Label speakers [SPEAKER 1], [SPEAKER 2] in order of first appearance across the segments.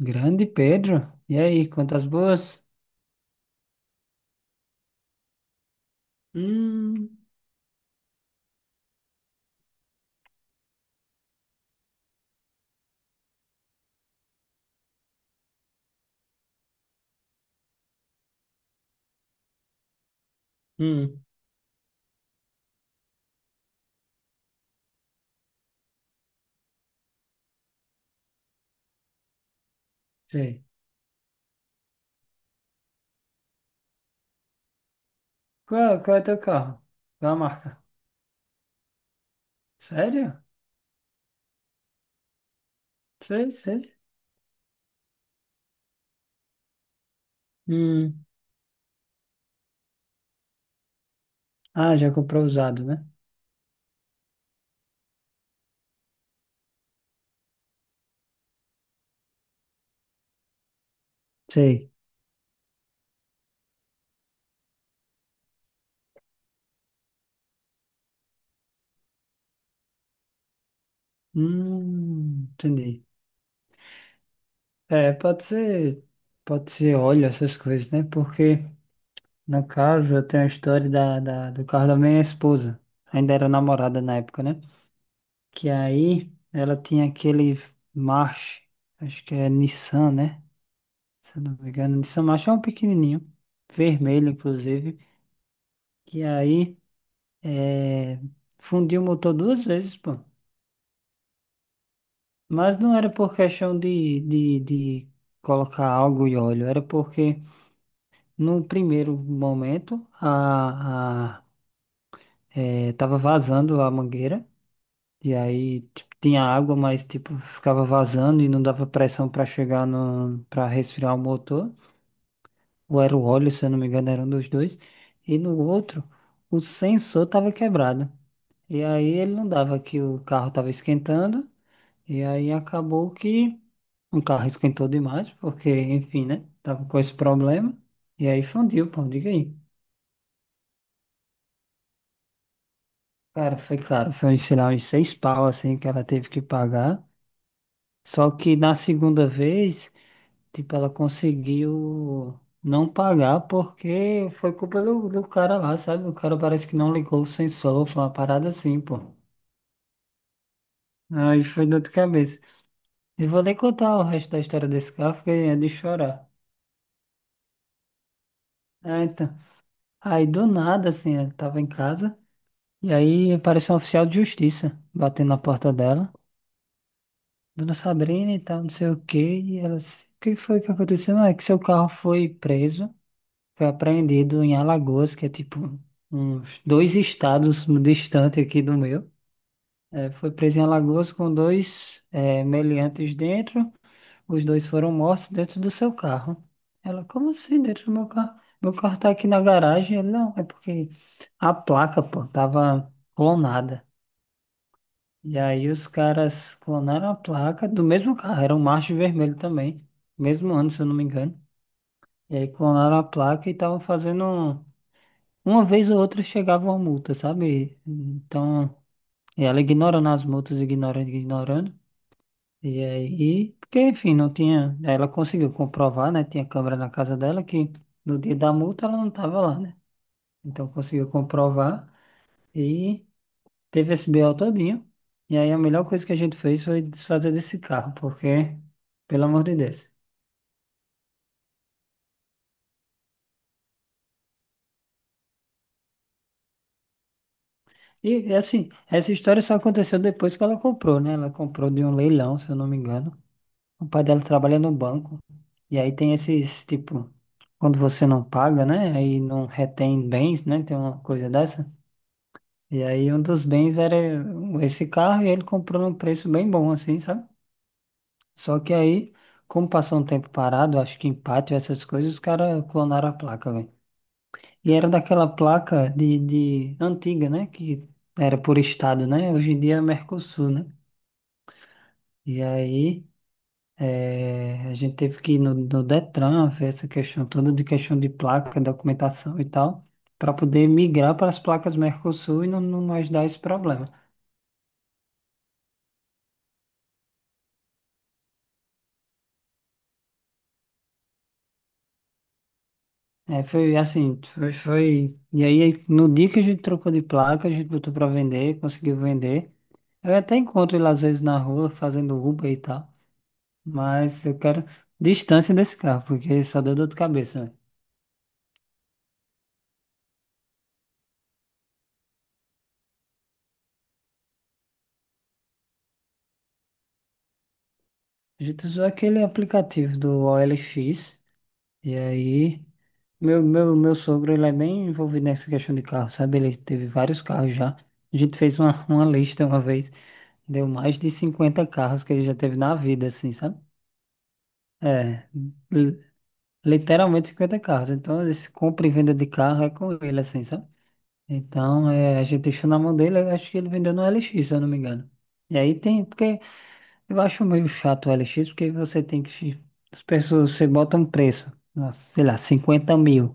[SPEAKER 1] Grande Pedro. E aí, quantas boas? Hum, hum, sei. Qual é teu carro? Qual é a marca? Sério? Sei, sei. Hum. Ah, já comprou usado, né? Sei. Entendi. É, pode ser óleo, essas coisas, né? Porque, no caso, eu tenho a história do carro da minha esposa. Ainda era namorada na época, né? Que aí ela tinha aquele March, acho que é Nissan, né? Se eu não me engano, de São Macho é um pequenininho, vermelho inclusive, que aí é, fundiu o motor duas vezes, pô. Mas não era por questão de colocar algo e óleo, era porque no primeiro momento a, tava vazando a mangueira, e aí tipo, tinha água, mas tipo, ficava vazando e não dava pressão para chegar no, para resfriar o motor. Ou era o óleo, se eu não me engano, era um dos dois, e no outro o sensor estava quebrado. E aí ele não dava que o carro estava esquentando, e aí acabou que o carro esquentou demais, porque, enfim, né? Tava com esse problema, e aí fundiu, pô, diga aí. Cara, foi caro, foi, sei lá, uns seis pau, assim, que ela teve que pagar. Só que na segunda vez. Tipo, ela conseguiu não pagar porque foi culpa do cara lá, sabe? O cara parece que não ligou o sensor, foi uma parada assim, pô. Aí foi dor de cabeça. E vou nem contar o resto da história desse carro, porque é de chorar. É, então. Aí do nada, assim, ela tava em casa, e aí apareceu um oficial de justiça batendo na porta dela. Dona Sabrina e tal, não sei o quê. E ela disse, o que foi que aconteceu? Não, é que seu carro foi preso. Foi apreendido em Alagoas, que é tipo uns dois estados distante aqui do meu. É, foi preso em Alagoas com dois meliantes dentro. Os dois foram mortos dentro do seu carro. Ela, como assim dentro do meu carro? Meu carro tá aqui na garagem. Ele, não, é porque a placa, pô, tava clonada. E aí os caras clonaram a placa do mesmo carro. Era um March vermelho também. Mesmo ano, se eu não me engano. E aí clonaram a placa e estavam fazendo. Uma vez ou outra chegava uma multa, sabe? Então, e ela ignorando as multas, ignorando, ignorando. E aí, porque enfim, não tinha. Ela conseguiu comprovar, né? Tinha câmera na casa dela que no dia da multa ela não estava lá, né? Então conseguiu comprovar e teve esse BO todinho. E aí a melhor coisa que a gente fez foi desfazer desse carro, porque, pelo amor de Deus. E assim, essa história só aconteceu depois que ela comprou, né? Ela comprou de um leilão, se eu não me engano. O pai dela trabalha no banco. E aí tem esses, tipo, quando você não paga, né? Aí não retém bens, né? Tem uma coisa dessa. E aí um dos bens era esse carro e ele comprou num preço bem bom, assim, sabe? Só que aí, como passou um tempo parado, acho que empate, essas coisas, os caras clonaram a placa, velho. E era daquela placa de antiga, né? Que era por estado, né? Hoje em dia é Mercosul, né? E aí. É, a gente teve que ir no Detran ver essa questão toda de questão de placa, documentação e tal, para poder migrar para as placas Mercosul e não mais dar esse problema. É, foi assim, E aí, no dia que a gente trocou de placa, a gente botou para vender, conseguiu vender. Eu até encontro ele às vezes na rua fazendo Uber e tal, mas eu quero distância desse carro, porque só deu dor de cabeça, né? A gente usou aquele aplicativo do OLX. E aí, meu sogro, ele é bem envolvido nessa questão de carro, sabe? Ele teve vários carros já. A gente fez uma, uma lista uma vez, deu mais de 50 carros que ele já teve na vida, assim, sabe? É, li- literalmente 50 carros. Então, esse compra e venda de carro é com ele, assim, sabe? Então, é, a gente deixou na mão dele, eu acho que ele vendeu no LX, se eu não me engano. E aí tem, porque eu acho meio chato o LX, porque você tem que. As pessoas, você bota um preço, nossa, sei lá, 50 mil.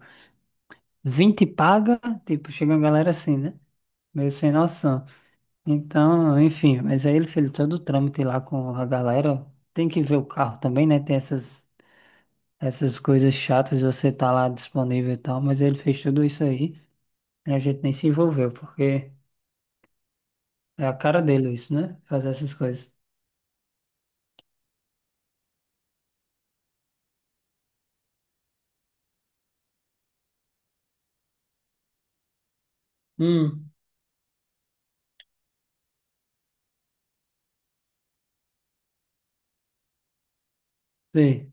[SPEAKER 1] 20 paga, tipo, chega uma galera assim, né? Meio sem noção. Então, enfim, mas aí ele fez todo o trâmite lá com a galera. Tem que ver o carro também, né? Tem essas coisas chatas, de você tá lá disponível e tal, mas ele fez tudo isso aí e a gente nem se envolveu, porque é a cara dele isso, né? Fazer essas coisas. Hum, sei.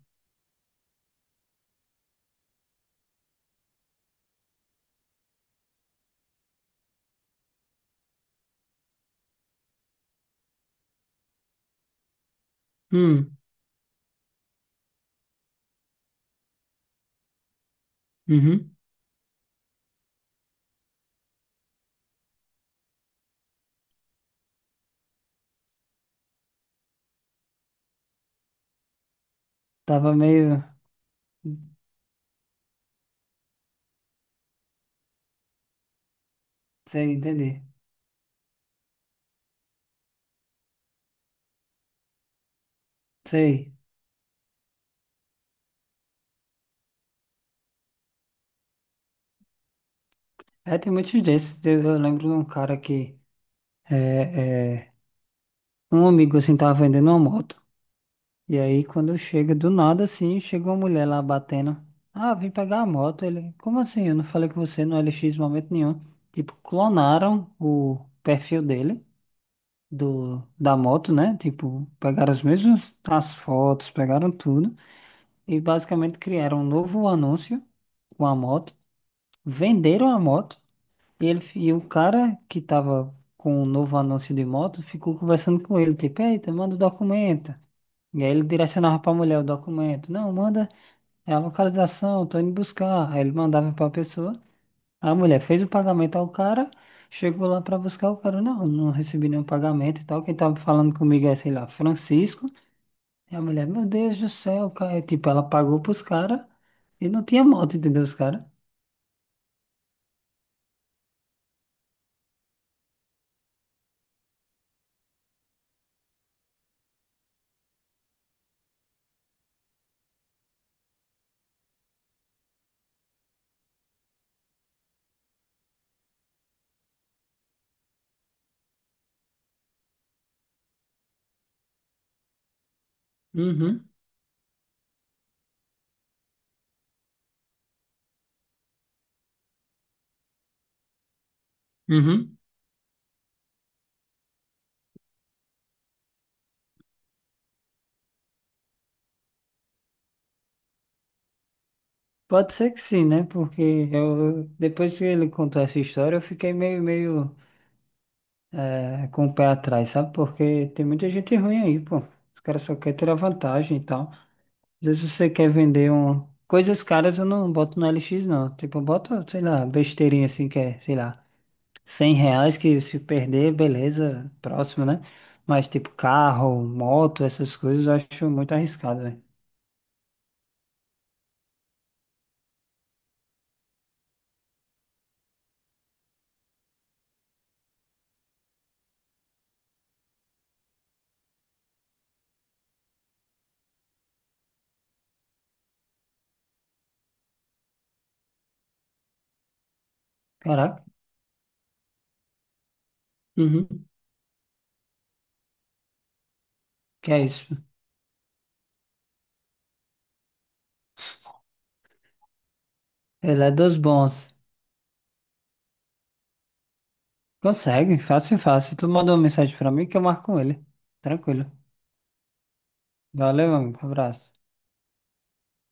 [SPEAKER 1] Hum, uhum. Tava meio. Sei, entendi. Sei. É, tem muitos desses. Eu lembro de um cara que. é, é, Um amigo assim tava vendendo uma moto. E aí quando chega do nada assim, chega uma mulher lá batendo. Ah, vim pegar a moto. Ele, como assim? Eu não falei com você no LX em momento nenhum. Tipo, clonaram o perfil dele do da moto, né? Tipo, pegaram as mesmas as fotos, pegaram tudo e basicamente criaram um novo anúncio com a moto, venderam a moto e ele e o cara que tava com o novo anúncio de moto ficou conversando com ele, tipo, eita, manda o documento. E aí ele direcionava pra mulher o documento. Não, manda é a localização, tô indo buscar. Aí ele mandava pra pessoa. A mulher fez o pagamento ao cara, chegou lá pra buscar o cara. Não, não recebi nenhum pagamento e tal. Quem tava falando comigo é, sei lá, Francisco. E a mulher, meu Deus do céu, cara. Tipo, ela pagou pros caras e não tinha moto, entendeu? Os caras. Uhum, uhum. Pode ser que sim, né? Porque eu depois que ele contou essa história, eu fiquei meio, com o pé atrás, sabe? Porque tem muita gente ruim aí, pô. Os caras só querem tirar vantagem e tal. Às vezes você quer vender um. Coisas caras eu não boto no LX, não. Tipo, eu boto, sei lá, besteirinha assim, que é, sei lá, R$ 100 que se perder, beleza, próximo, né? Mas tipo, carro, moto, essas coisas eu acho muito arriscado, velho. Caraca. Uhum. Que é isso? Ele é dos bons. Consegue, fácil, fácil. Tu manda uma mensagem pra mim que eu marco com ele. Tranquilo. Valeu, amigo. Abraço.